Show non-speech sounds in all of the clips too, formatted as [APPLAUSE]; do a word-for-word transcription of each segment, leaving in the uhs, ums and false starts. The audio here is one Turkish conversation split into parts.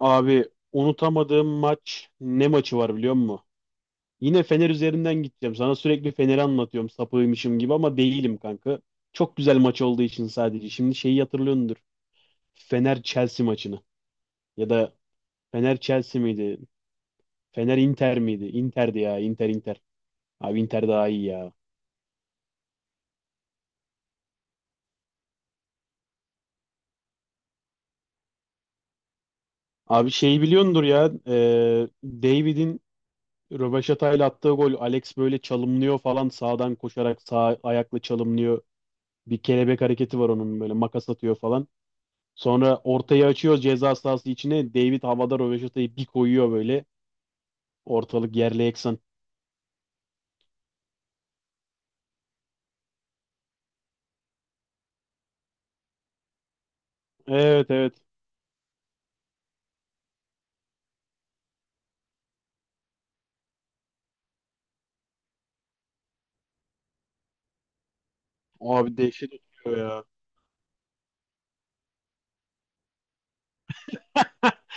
Abi unutamadığım maç ne maçı var biliyor musun? Yine Fener üzerinden gideceğim. Sana sürekli Fener'i anlatıyorum sapığıymışım gibi ama değilim kanka. Çok güzel maç olduğu için sadece. Şimdi şeyi hatırlıyordur. Fener Chelsea maçını. Ya da Fener Chelsea miydi? Fener Inter miydi? Inter'di ya. Inter Inter. Abi Inter daha iyi ya. Abi şeyi biliyordur ya. E, David'in rövaşatayla attığı gol. Alex böyle çalımlıyor falan. Sağdan koşarak sağ ayakla çalımlıyor. Bir kelebek hareketi var onun böyle makas atıyor falan. Sonra ortayı açıyor ceza sahası içine. David havada röveşatayı bir koyuyor böyle. Ortalık yerle yeksan. Evet, evet. Abi dehşet oturuyor ya. [LAUGHS]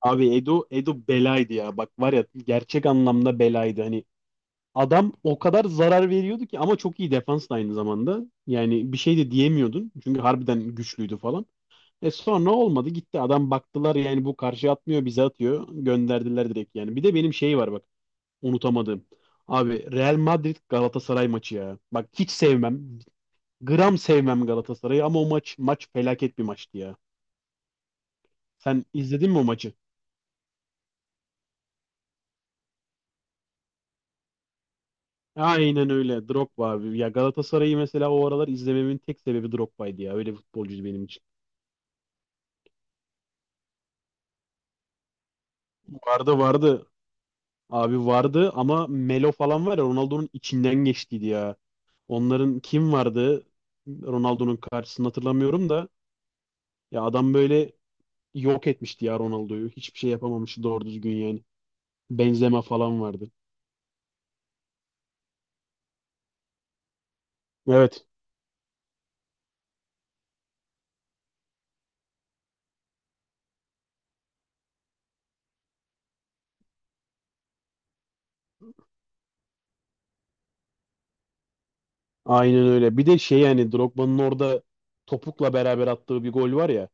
Abi Edo Edo belaydı ya. Bak var ya gerçek anlamda belaydı. Hani adam o kadar zarar veriyordu ki, ama çok iyi defans da aynı zamanda. Yani bir şey de diyemiyordun. Çünkü harbiden güçlüydü falan. E sonra olmadı gitti. Adam baktılar yani bu karşı atmıyor bize atıyor. Gönderdiler direkt yani. Bir de benim şey var bak. Unutamadığım. Abi Real Madrid Galatasaray maçı ya. Bak hiç sevmem. Gram sevmem Galatasaray'ı ama o maç maç felaket bir maçtı ya. Sen izledin mi o maçı? Aynen öyle. Drogba abi. Ya Galatasaray'ı mesela o aralar izlememin tek sebebi Drogba'ydı ya. Öyle bir futbolcuydu benim için. Vardı, vardı. Abi vardı ama Melo falan var ya, Ronaldo'nun içinden geçtiydi ya. Onların kim vardı? Ronaldo'nun karşısını hatırlamıyorum da. Ya adam böyle yok etmişti ya Ronaldo'yu. Hiçbir şey yapamamıştı doğru düzgün yani. Benzema falan vardı. Evet. Aynen öyle. Bir de şey yani Drogba'nın orada topukla beraber attığı bir gol var ya.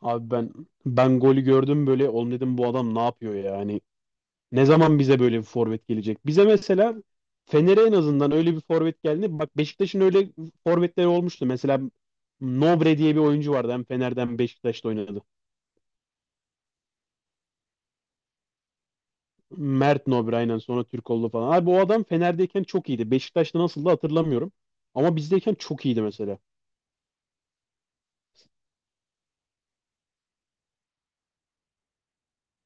Abi ben ben golü gördüm böyle, oğlum dedim bu adam ne yapıyor ya yani. Ne zaman bize böyle bir forvet gelecek? Bize mesela Fener'e en azından öyle bir forvet geldi. Bak Beşiktaş'ın öyle forvetleri olmuştu. Mesela Nobre diye bir oyuncu vardı. Hem Fener'den hem Beşiktaş'ta oynadı. Mert Nobre, aynen, sonra Türkoğlu falan. Abi o adam Fener'deyken çok iyiydi. Beşiktaş'ta nasıldı hatırlamıyorum. Ama bizdeyken çok iyiydi mesela.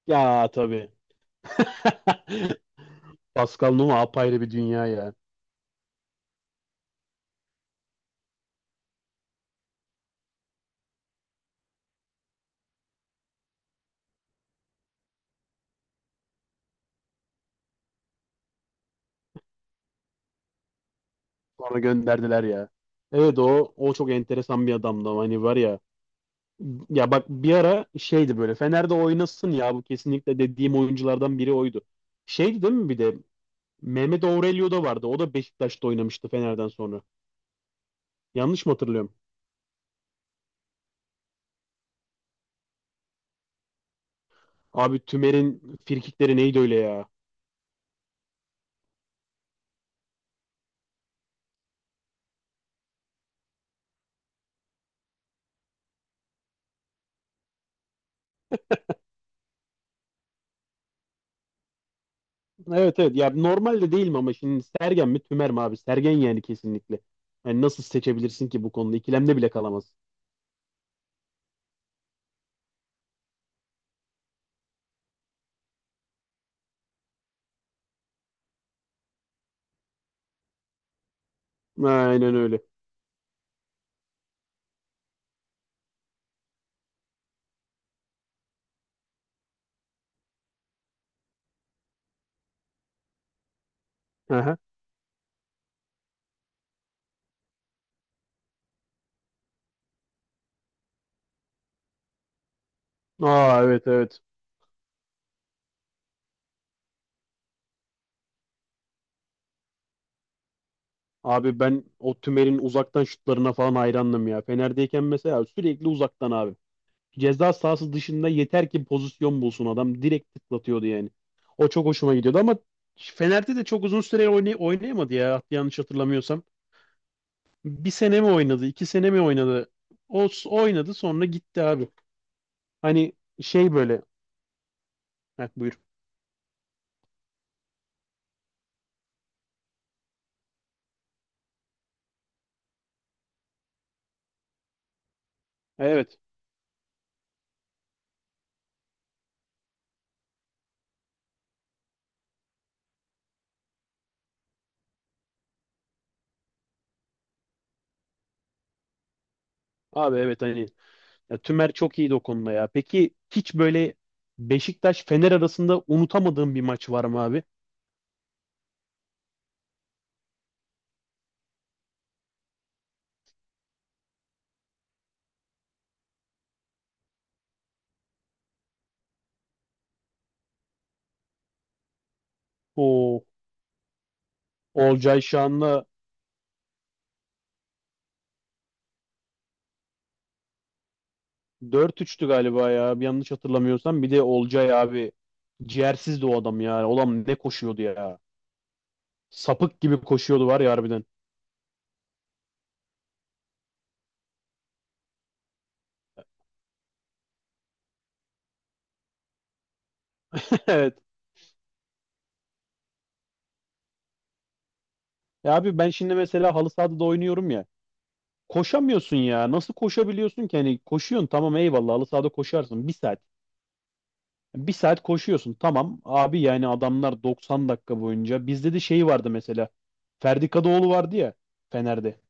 Ya tabii. [LAUGHS] Pascal Numa apayrı bir dünya ya. Sonra gönderdiler ya. Evet, o o çok enteresan bir adamdı ama hani var ya. Ya bak bir ara şeydi böyle, Fener'de oynasın ya bu kesinlikle dediğim oyunculardan biri oydu. Şeydi değil mi, bir de Mehmet Aurelio da vardı. O da Beşiktaş'ta oynamıştı Fener'den sonra. Yanlış mı hatırlıyorum? Abi Tümer'in firkikleri neydi öyle ya? Evet, evet ya normalde değil mi, ama şimdi Sergen mi Tümer mi abi? Sergen yani kesinlikle. Yani nasıl seçebilirsin ki bu konuda? İkilemde bile kalamaz. Aynen öyle. Aha. Aa, evet, evet. Abi ben o Tümer'in uzaktan şutlarına falan hayrandım ya. Fener'deyken mesela sürekli uzaktan abi. Ceza sahası dışında yeter ki pozisyon bulsun adam. Direkt tıklatıyordu yani. O çok hoşuma gidiyordu ama Fener'de de çok uzun süre oynay- oynayamadı ya yanlış hatırlamıyorsam. Bir sene mi oynadı, iki sene mi oynadı? O s- oynadı sonra gitti abi. Hani şey böyle. Heh, buyur. Evet. Abi evet hani ya, Tümer çok iyiydi o konuda ya. Peki hiç böyle Beşiktaş Fener arasında unutamadığın bir maç var mı abi? O Olcay Şan'la dört üçtü galiba ya. Bir yanlış hatırlamıyorsam. Bir de Olcay abi ciğersizdi o adam ya. Olam ne koşuyordu ya. Sapık gibi koşuyordu var ya harbiden. [LAUGHS] Evet. Ya abi ben şimdi mesela halı sahada da oynuyorum ya. Koşamıyorsun ya. Nasıl koşabiliyorsun ki? Hani koşuyorsun tamam eyvallah, halı sahada koşarsın. Bir saat. Bir saat koşuyorsun tamam abi, yani adamlar doksan dakika boyunca. Bizde de şey vardı mesela, Ferdi Kadıoğlu vardı ya Fener'de,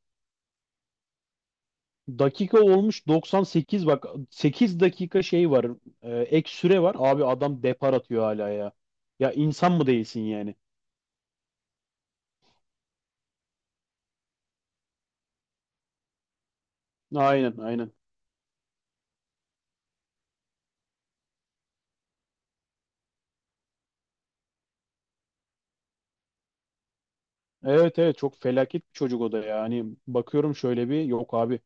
dakika olmuş doksan sekiz, bak sekiz dakika şey var, e, ek süre var abi, adam depar atıyor hala ya. Ya insan mı değilsin yani? Aynen, aynen, evet, evet, çok felaket bir çocuk o da ya. Hani bakıyorum şöyle bir, yok abi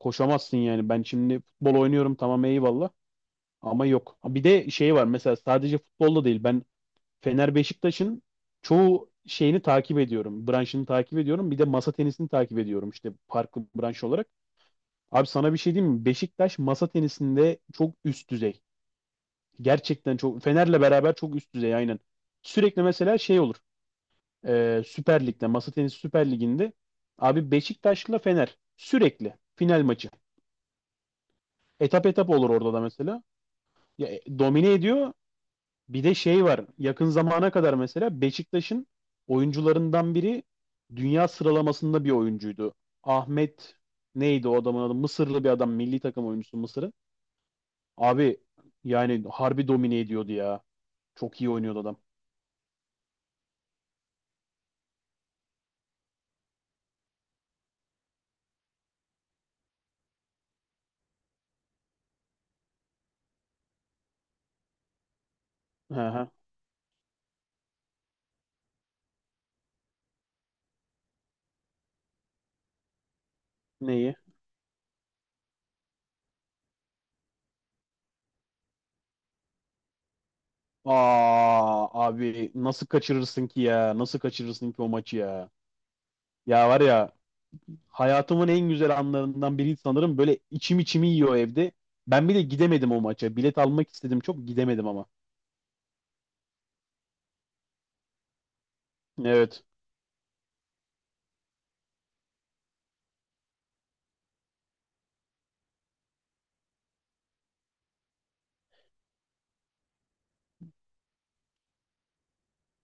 koşamazsın yani. Ben şimdi futbol oynuyorum tamam eyvallah ama yok, bir de şey var mesela, sadece futbolda değil, ben Fener Beşiktaş'ın çoğu şeyini takip ediyorum. Branşını takip ediyorum. Bir de masa tenisini takip ediyorum işte farklı branş olarak. Abi sana bir şey diyeyim mi? Beşiktaş masa tenisinde çok üst düzey. Gerçekten çok, Fener'le beraber çok üst düzey, aynen. Sürekli mesela şey olur. Ee, Süper Lig'de, masa tenisi Süper Lig'inde abi Beşiktaş'la Fener sürekli final maçı. Etap etap olur orada da mesela. Ya, e, domine ediyor. Bir de şey var. Yakın zamana kadar mesela Beşiktaş'ın oyuncularından biri dünya sıralamasında bir oyuncuydu. Ahmet, neydi o adamın adı? Mısırlı bir adam. Milli takım oyuncusu Mısır'ın. Abi yani harbi domine ediyordu ya. Çok iyi oynuyordu adam. Hı hı. Neyi? Aa abi nasıl kaçırırsın ki ya? Nasıl kaçırırsın ki o maçı ya? Ya var ya hayatımın en güzel anlarından biri sanırım. Böyle içim içimi yiyor evde. Ben bile gidemedim o maça. Bilet almak istedim çok, gidemedim ama. Evet.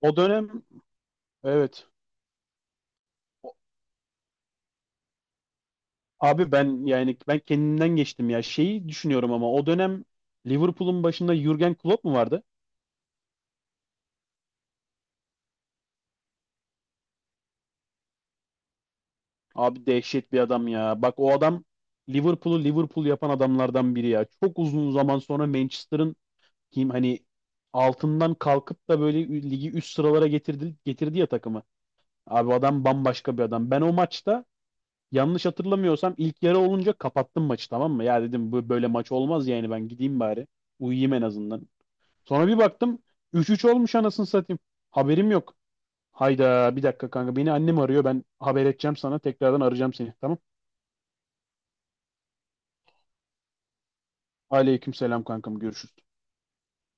O dönem, evet. Abi ben yani ben kendimden geçtim ya. Şeyi düşünüyorum ama o dönem Liverpool'un başında Jürgen Klopp mu vardı? Abi dehşet bir adam ya. Bak o adam Liverpool'u Liverpool yapan adamlardan biri ya. Çok uzun zaman sonra Manchester'ın kim hani altından kalkıp da böyle ü- ligi üst sıralara getirdi getirdi ya takımı. Abi adam bambaşka bir adam. Ben o maçta yanlış hatırlamıyorsam ilk yarı olunca kapattım maçı, tamam mı? Ya dedim bu böyle maç olmaz yani, ben gideyim bari. Uyuyayım en azından. Sonra bir baktım üç üç olmuş, anasını satayım. Haberim yok. Hayda, bir dakika kanka, beni annem arıyor, ben haber edeceğim sana, tekrardan arayacağım seni, tamam. Aleyküm selam kankam, görüşürüz.